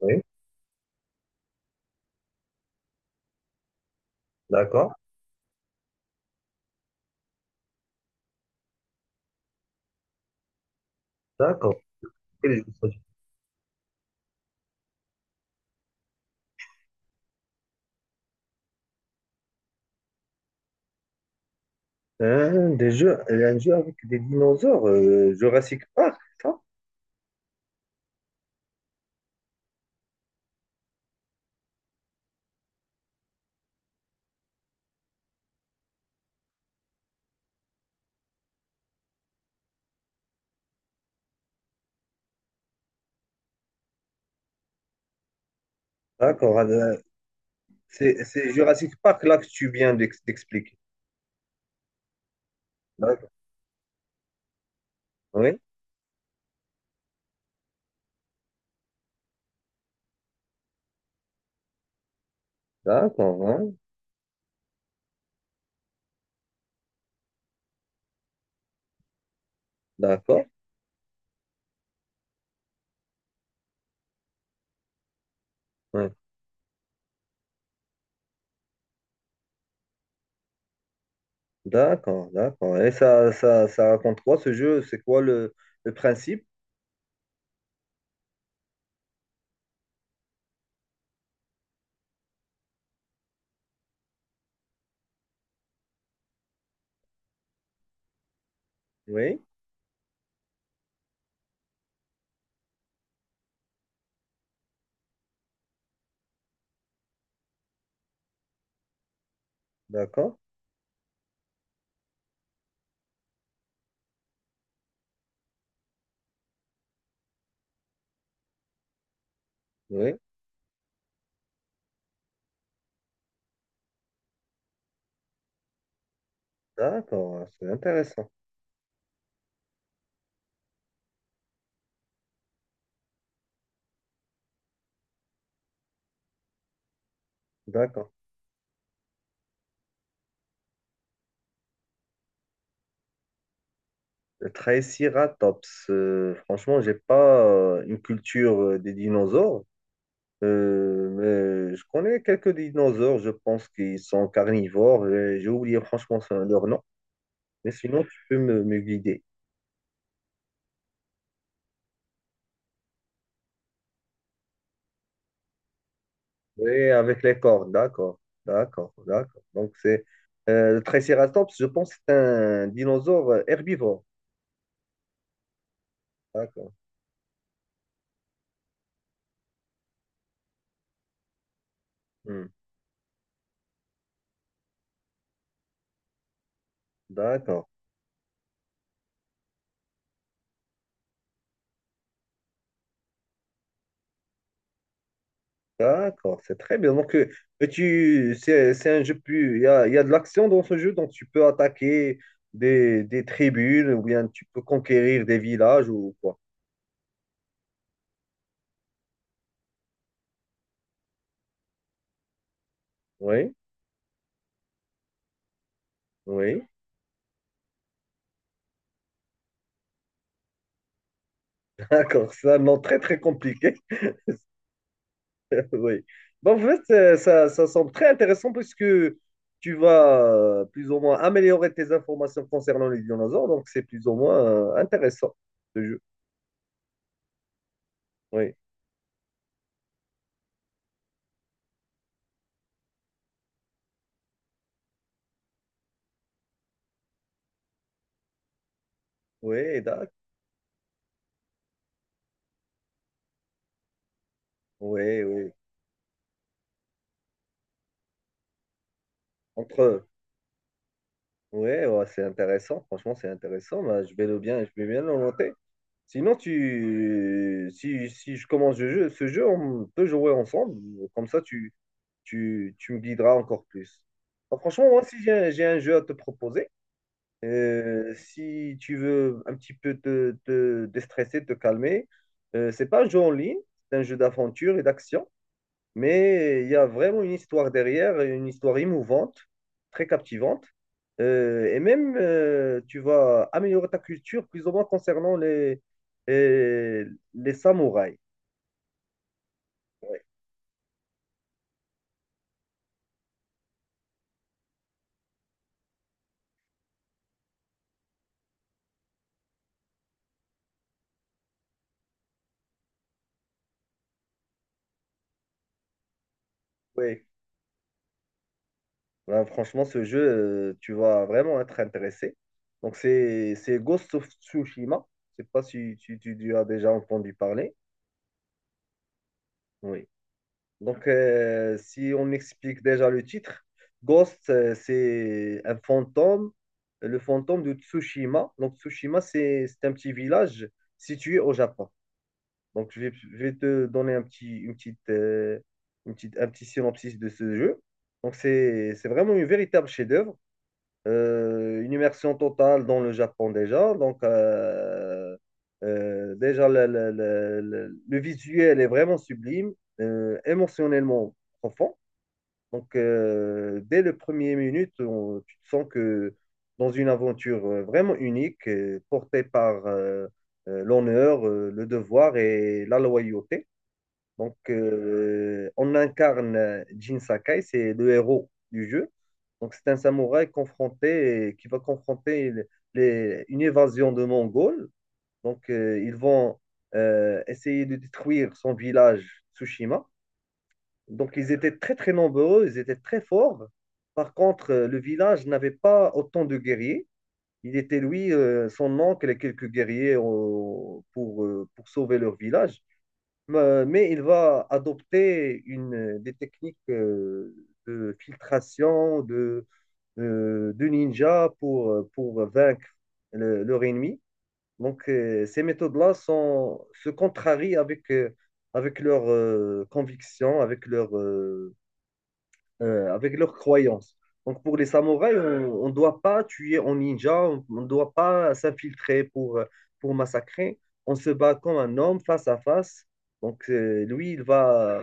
Oui, d'accord, d'accord. Quel jeu ça? Hein, des jeux, un jeu avec des dinosaures, Jurassic Park, ça? D'accord. C'est Jurassic Park là que tu viens d'expliquer. D'accord. Oui, d'accord, hein, d'accord, ouais, d'accord, d'accord. Et ça raconte quoi ce jeu? C'est quoi le principe? Oui, d'accord, oui, d'accord, c'est intéressant. D'accord. Le Triceratops, franchement, j'ai pas une culture des dinosaures. Euh, mais je connais quelques dinosaures, je pense qu'ils sont carnivores. Et j'ai oublié franchement leur nom. Mais sinon, tu peux me, me guider. Oui, avec les cornes, d'accord, d'accord, d'accord. Donc, c'est le Triceratops, je pense que c'est un dinosaure herbivore. D'accord, hmm, d'accord, d'accord, c'est très bien. Donc, tu, c'est un jeu plus. Il y a de l'action dans ce jeu, donc tu peux attaquer des tribus ou bien tu peux conquérir des villages ou quoi. Oui. Oui, d'accord. Ça, non, très, très compliqué. Oui. Bon, en fait, ça semble très intéressant puisque tu vas plus ou moins améliorer tes informations concernant les dinosaures. Donc, c'est plus ou moins intéressant, ce jeu. Oui, oui, d'accord. Oui, oui. Entre eux. Oui, ouais, c'est intéressant. Franchement, c'est intéressant. Bah, je vais bien le noter. Sinon, tu, si, si je commence ce jeu, on peut jouer ensemble. Comme ça, tu me guideras encore plus. Bah, franchement, moi, si j'ai un jeu à te proposer, si tu veux un petit peu te, te déstresser, te calmer, c'est pas un jeu en ligne, c'est un jeu d'aventure et d'action. Mais il y a vraiment une histoire derrière, une histoire émouvante, très captivante. Et même, tu vas améliorer ta culture plus ou moins concernant les samouraïs. Ouais, ouais. Ouais, franchement, ce jeu, tu vas vraiment être intéressé. Donc, c'est Ghost of Tsushima. Je sais pas si tu as déjà entendu parler. Oui. Donc, si on explique déjà le titre, Ghost, c'est un fantôme, le fantôme de Tsushima. Donc, Tsushima, c'est un petit village situé au Japon. Donc, je vais te donner une petite, un petit synopsis de ce jeu. Donc, c'est vraiment une véritable chef-d'œuvre une immersion totale dans le Japon déjà. Donc, déjà, le visuel est vraiment sublime, émotionnellement profond. Donc, dès les premières minutes, tu te sens que dans une aventure vraiment unique, portée par l'honneur, le devoir et la loyauté. Donc, on incarne Jin Sakai, c'est le héros du jeu. Donc, c'est un qui va confronter une évasion de Mongols. Donc, ils vont essayer de détruire son village Tsushima. Donc, ils étaient très, très nombreux, ils étaient très forts. Par contre, le village n'avait pas autant de guerriers. Il était, lui, son oncle et quelques guerriers pour sauver leur village. Mais il va adopter des techniques de filtration de ninja pour vaincre leur ennemi. Donc, ces méthodes-là se contrarient avec leurs convictions, avec leurs croyances. Donc pour les samouraïs, on ne doit pas tuer en ninja, on ne doit pas s'infiltrer pour massacrer. On se bat comme un homme face à face. Donc lui, il va...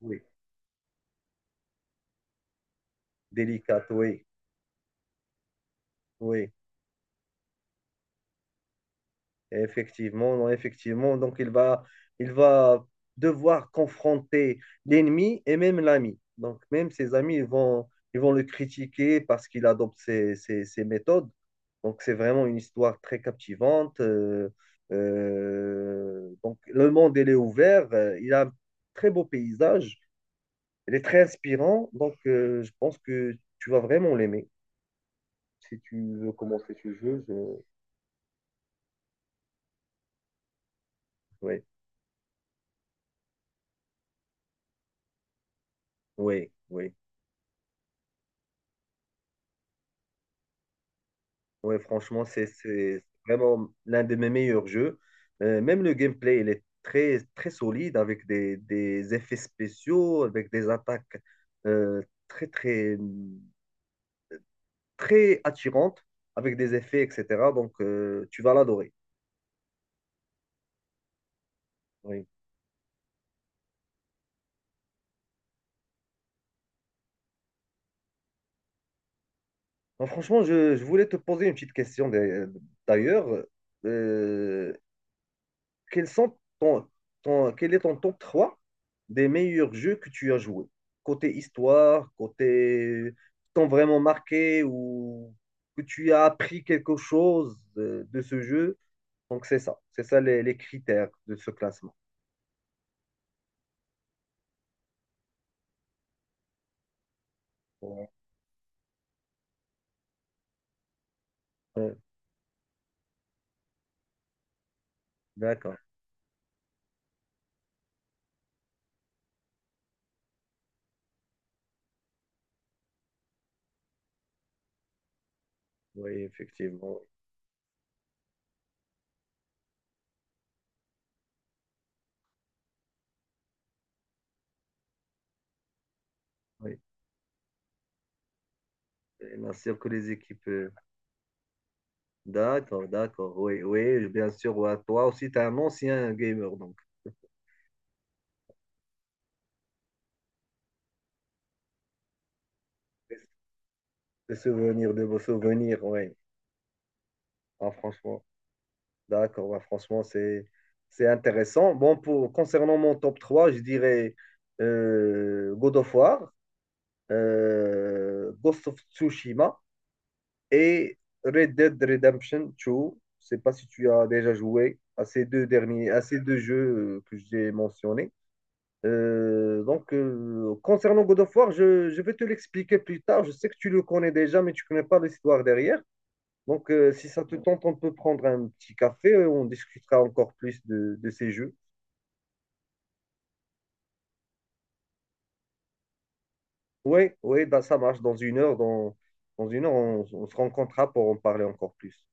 Oui, délicat, oui, oui. Effectivement, non, effectivement. Donc, il va devoir confronter l'ennemi et même l'ami. Donc, même ses amis, ils vont le critiquer parce qu'il adopte ses méthodes. Donc, c'est vraiment une histoire très captivante. Donc, le monde, il est ouvert. Il a un très beau paysage. Il est très inspirant. Donc, je pense que tu vas vraiment l'aimer. Si tu veux commencer ce jeu, je... oui, oui, oui. Ouais, franchement, c'est vraiment l'un de mes meilleurs jeux. Même le gameplay, il est très, très solide avec des effets spéciaux, avec des attaques euh, très, très, très attirantes, avec des effets, etc. Donc, tu vas l'adorer. Oui. Donc, franchement, je voulais te poser une petite question d'ailleurs. Euh, quels sont quel est ton top 3 des meilleurs jeux que tu as joués? Côté histoire, côté t'ont vraiment marqué ou que tu as appris quelque chose ce jeu. Donc c'est ça les critères de ce classement. Ouais. Ouais, d'accord, oui, effectivement. Oui. Et bien sûr que les équipes. D'accord, d'accord, oui, oui, bien sûr. Ouais. Toi aussi, tu es un ancien gamer, donc des souvenirs, de vos souvenirs, oui. Ah, franchement. D'accord, bah, franchement, c'est intéressant. Bon, pour concernant mon top 3, je dirais God of War, Ghost of Tsushima et Red Dead Redemption 2. Je sais pas si tu as déjà joué à ces deux derniers, à ces deux jeux que j'ai mentionnés. Donc, concernant God of War, je vais te l'expliquer plus tard. Je sais que tu le connais déjà, mais tu connais pas l'histoire derrière. Donc, si ça te tente, on peut prendre un petit café, on discutera encore plus de ces jeux. Oui, oui, bah, ça marche. Dans une heure, dans, dans une heure, on se rencontrera pour en parler encore plus.